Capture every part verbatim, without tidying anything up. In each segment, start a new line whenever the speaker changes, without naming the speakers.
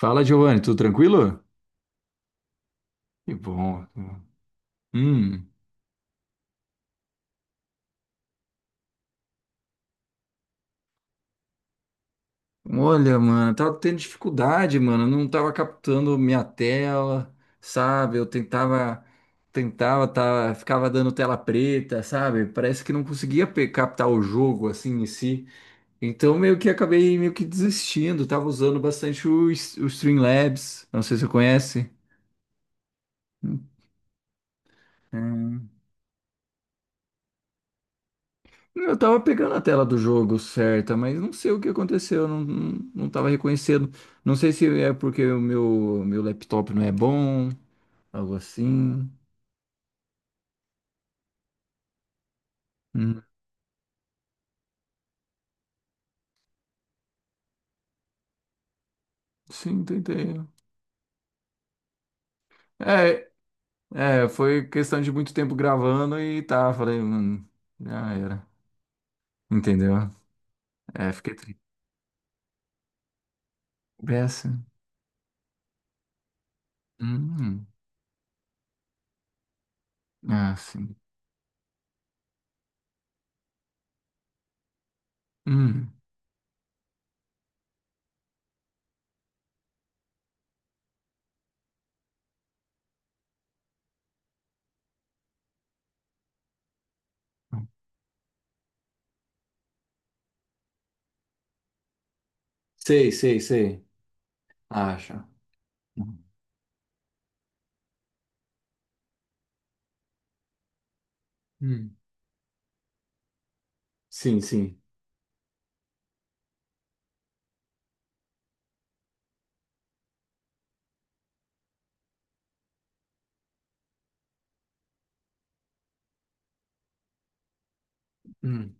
Fala, Giovanni, tudo tranquilo? Que bom. Hum, olha, mano, tava tendo dificuldade, mano, não tava captando minha tela, sabe? Eu tentava, tentava, tava, ficava dando tela preta, sabe? Parece que não conseguia pe- captar o jogo, assim, em si. Então, meio que acabei meio que desistindo, tava usando bastante o, S- o Streamlabs, não sei se você conhece. Eu tava pegando a tela do jogo certa, mas não sei o que aconteceu, não, não, não tava reconhecendo. Não sei se é porque o meu, meu laptop não é bom, algo assim. Hum. Sim, tentei. É, é, foi questão de muito tempo gravando e tá, falei, mano, já era. Entendeu? É, fiquei triste. Beça. Hum, ah, sim. Hum. Sei, sei, sei. Acha. Hum. Sim, sim. Hum.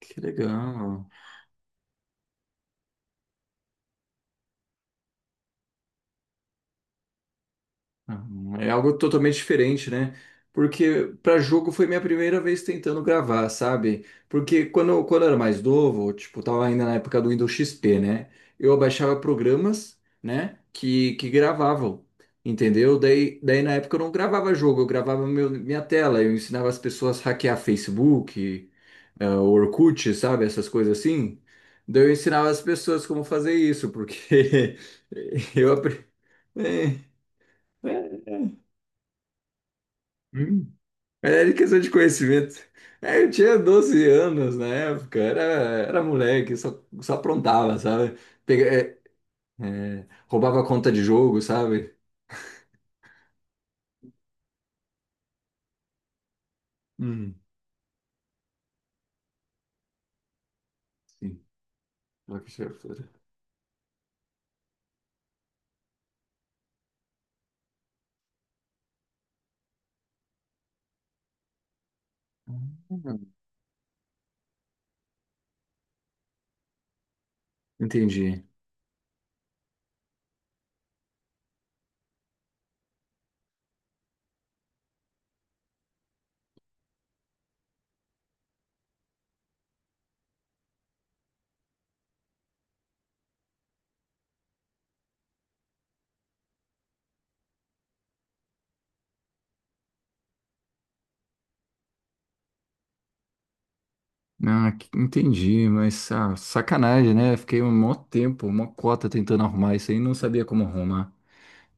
Que legal. Uhum. É algo totalmente diferente, né? Porque para jogo foi minha primeira vez tentando gravar, sabe? Porque quando, quando eu era mais novo, tipo, tava ainda na época do Windows X P, né? Eu baixava programas, né? Que, que gravavam, entendeu? Daí, daí na época eu não gravava jogo, eu gravava meu- minha tela, eu ensinava as pessoas a hackear Facebook, eh, Orkut, sabe? Essas coisas assim. Daí eu ensinava as pessoas como fazer isso, porque eu aprendi. Hum. Mas era questão de conhecimento. É, eu tinha doze anos na época, era, era moleque, só, só aprontava, sabe? Pega, é, roubava conta de jogo, sabe? Hum. Sim. Só que tinha fora. Hum. Entendi. Ah, que- entendi, mas ah, sacanagem, né? Fiquei um mó tempo, uma cota tentando arrumar isso aí, não sabia como arrumar.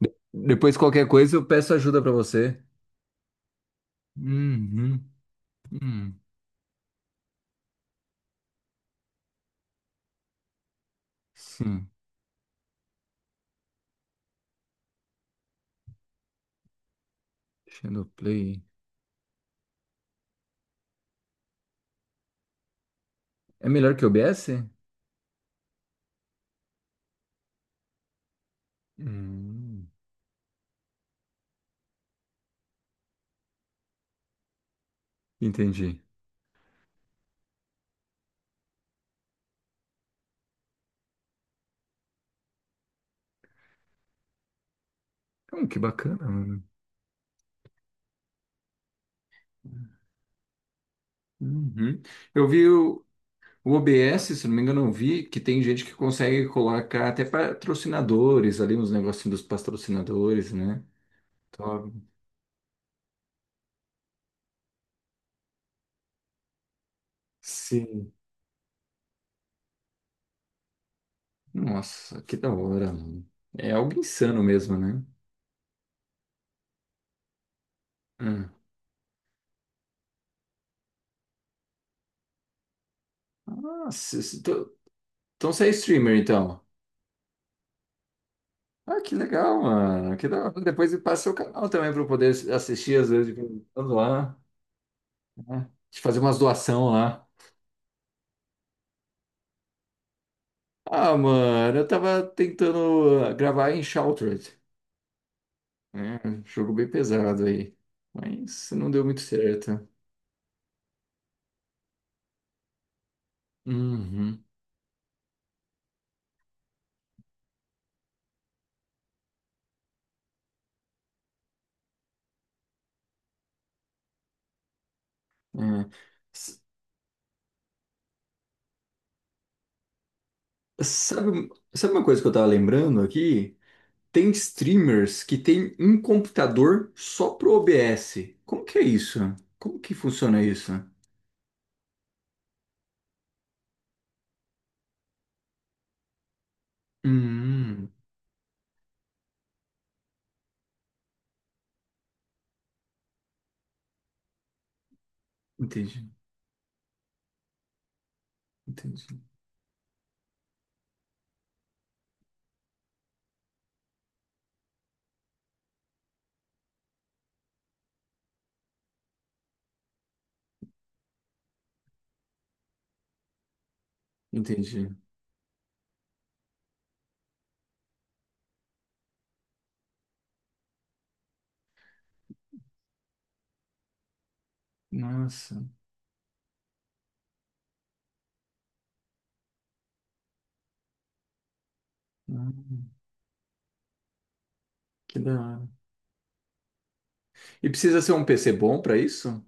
De- depois, qualquer coisa, eu peço ajuda pra você. Uhum. Hum. Sim, Shadowplay. É melhor que o OBS? Hum, entendi. Então, que bacana, mano. Uhum. Eu vi o, o OBS, se não me engano, eu vi que tem gente que consegue colocar até patrocinadores ali, uns negocinhos dos patrocinadores, né? Top. Sim. Nossa, que da hora, mano. É algo insano mesmo, né? Hum. Nossa, se- tô- então você é streamer, então. Ah, que legal, mano. Que da hora. Depois passa o canal também para eu poder assistir, às vezes, de vez em quando lá, né? De fazer umas doação lá. Ah, mano, eu tava tentando ah, gravar em Shrouded, né? Jogo bem pesado aí, mas não deu muito certo. Uhum, é. S- Sabe, sabe uma coisa que eu tava lembrando aqui? Tem streamers que tem um computador só pro O B S. Como que é isso? Como que funciona isso? Hum, entendi, entendi, entendi. Nossa, hum, que da hora. E precisa ser um P C bom pra isso?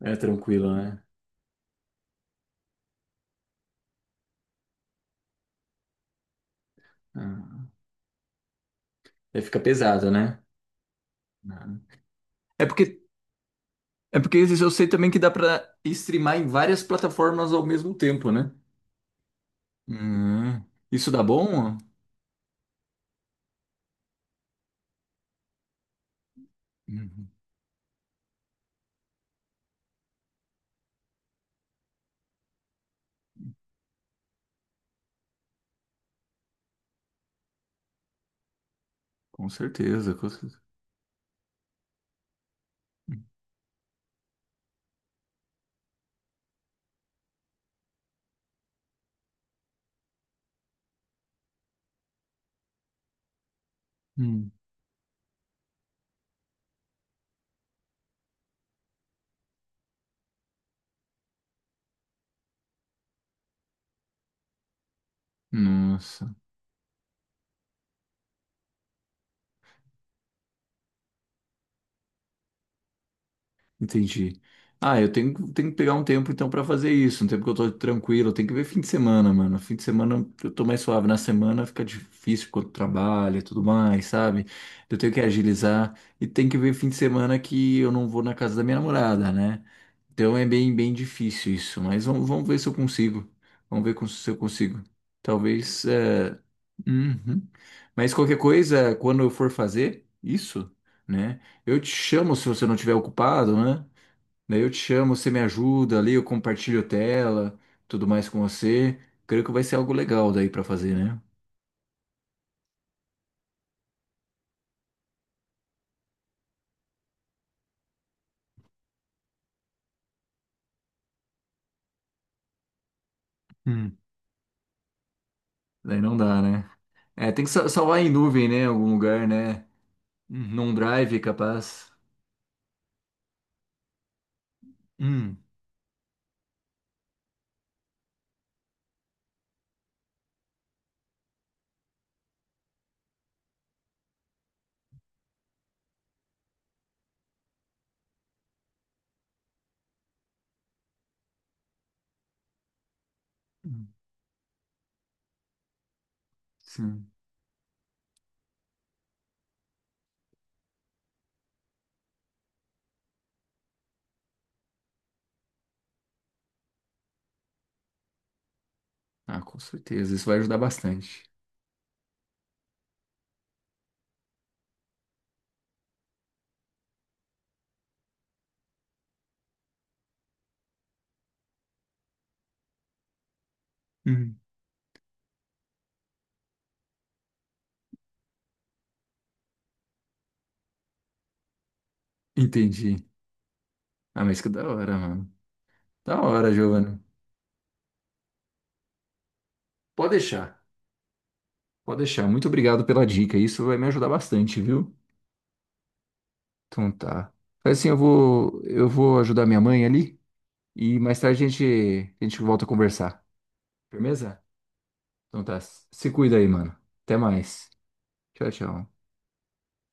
É tranquilo, né? Ah, aí fica pesado, né? Ah. É porque, é porque esses eu sei também que dá pra streamar em várias plataformas ao mesmo tempo, né? Hum, isso dá bom? Uhum. Com certeza, com certeza. Hum. Nossa. Entendi. Ah, eu tenho, tenho que pegar um tempo então pra fazer isso, um tempo que eu tô tranquilo, tem que ver fim de semana, mano. Fim de semana eu tô mais suave, na semana fica difícil quando trabalha e tudo mais, sabe? Eu tenho que agilizar e tem que ver fim de semana que eu não vou na casa da minha namorada, né? Então é bem, bem difícil isso, mas vamos, vamos ver se eu consigo. Vamos ver com- se eu consigo. Talvez. É, uhum. Mas qualquer coisa, quando eu for fazer isso, né? Eu te chamo se você não estiver ocupado, né? Daí eu te chamo, você me ajuda ali, eu compartilho tela, tudo mais com você. Creio que vai ser algo legal daí pra fazer, né? Hum. Daí não dá, né? É, tem que sa- salvar em nuvem, né? Em algum lugar, né? Num uhum, drive, capaz. Hum, hum, sim. Ah, com certeza. Isso vai ajudar bastante. Hum. Entendi. Ah, mas que da hora, mano. Da hora, Giovana. Pode deixar. Pode deixar. Muito obrigado pela dica. Isso vai me ajudar bastante, viu? Então tá. Faz assim, eu vou, eu vou ajudar minha mãe ali. E mais tarde a gente, a gente volta a conversar. Firmeza? Então tá. Se cuida aí, mano. Até mais. Tchau, tchau.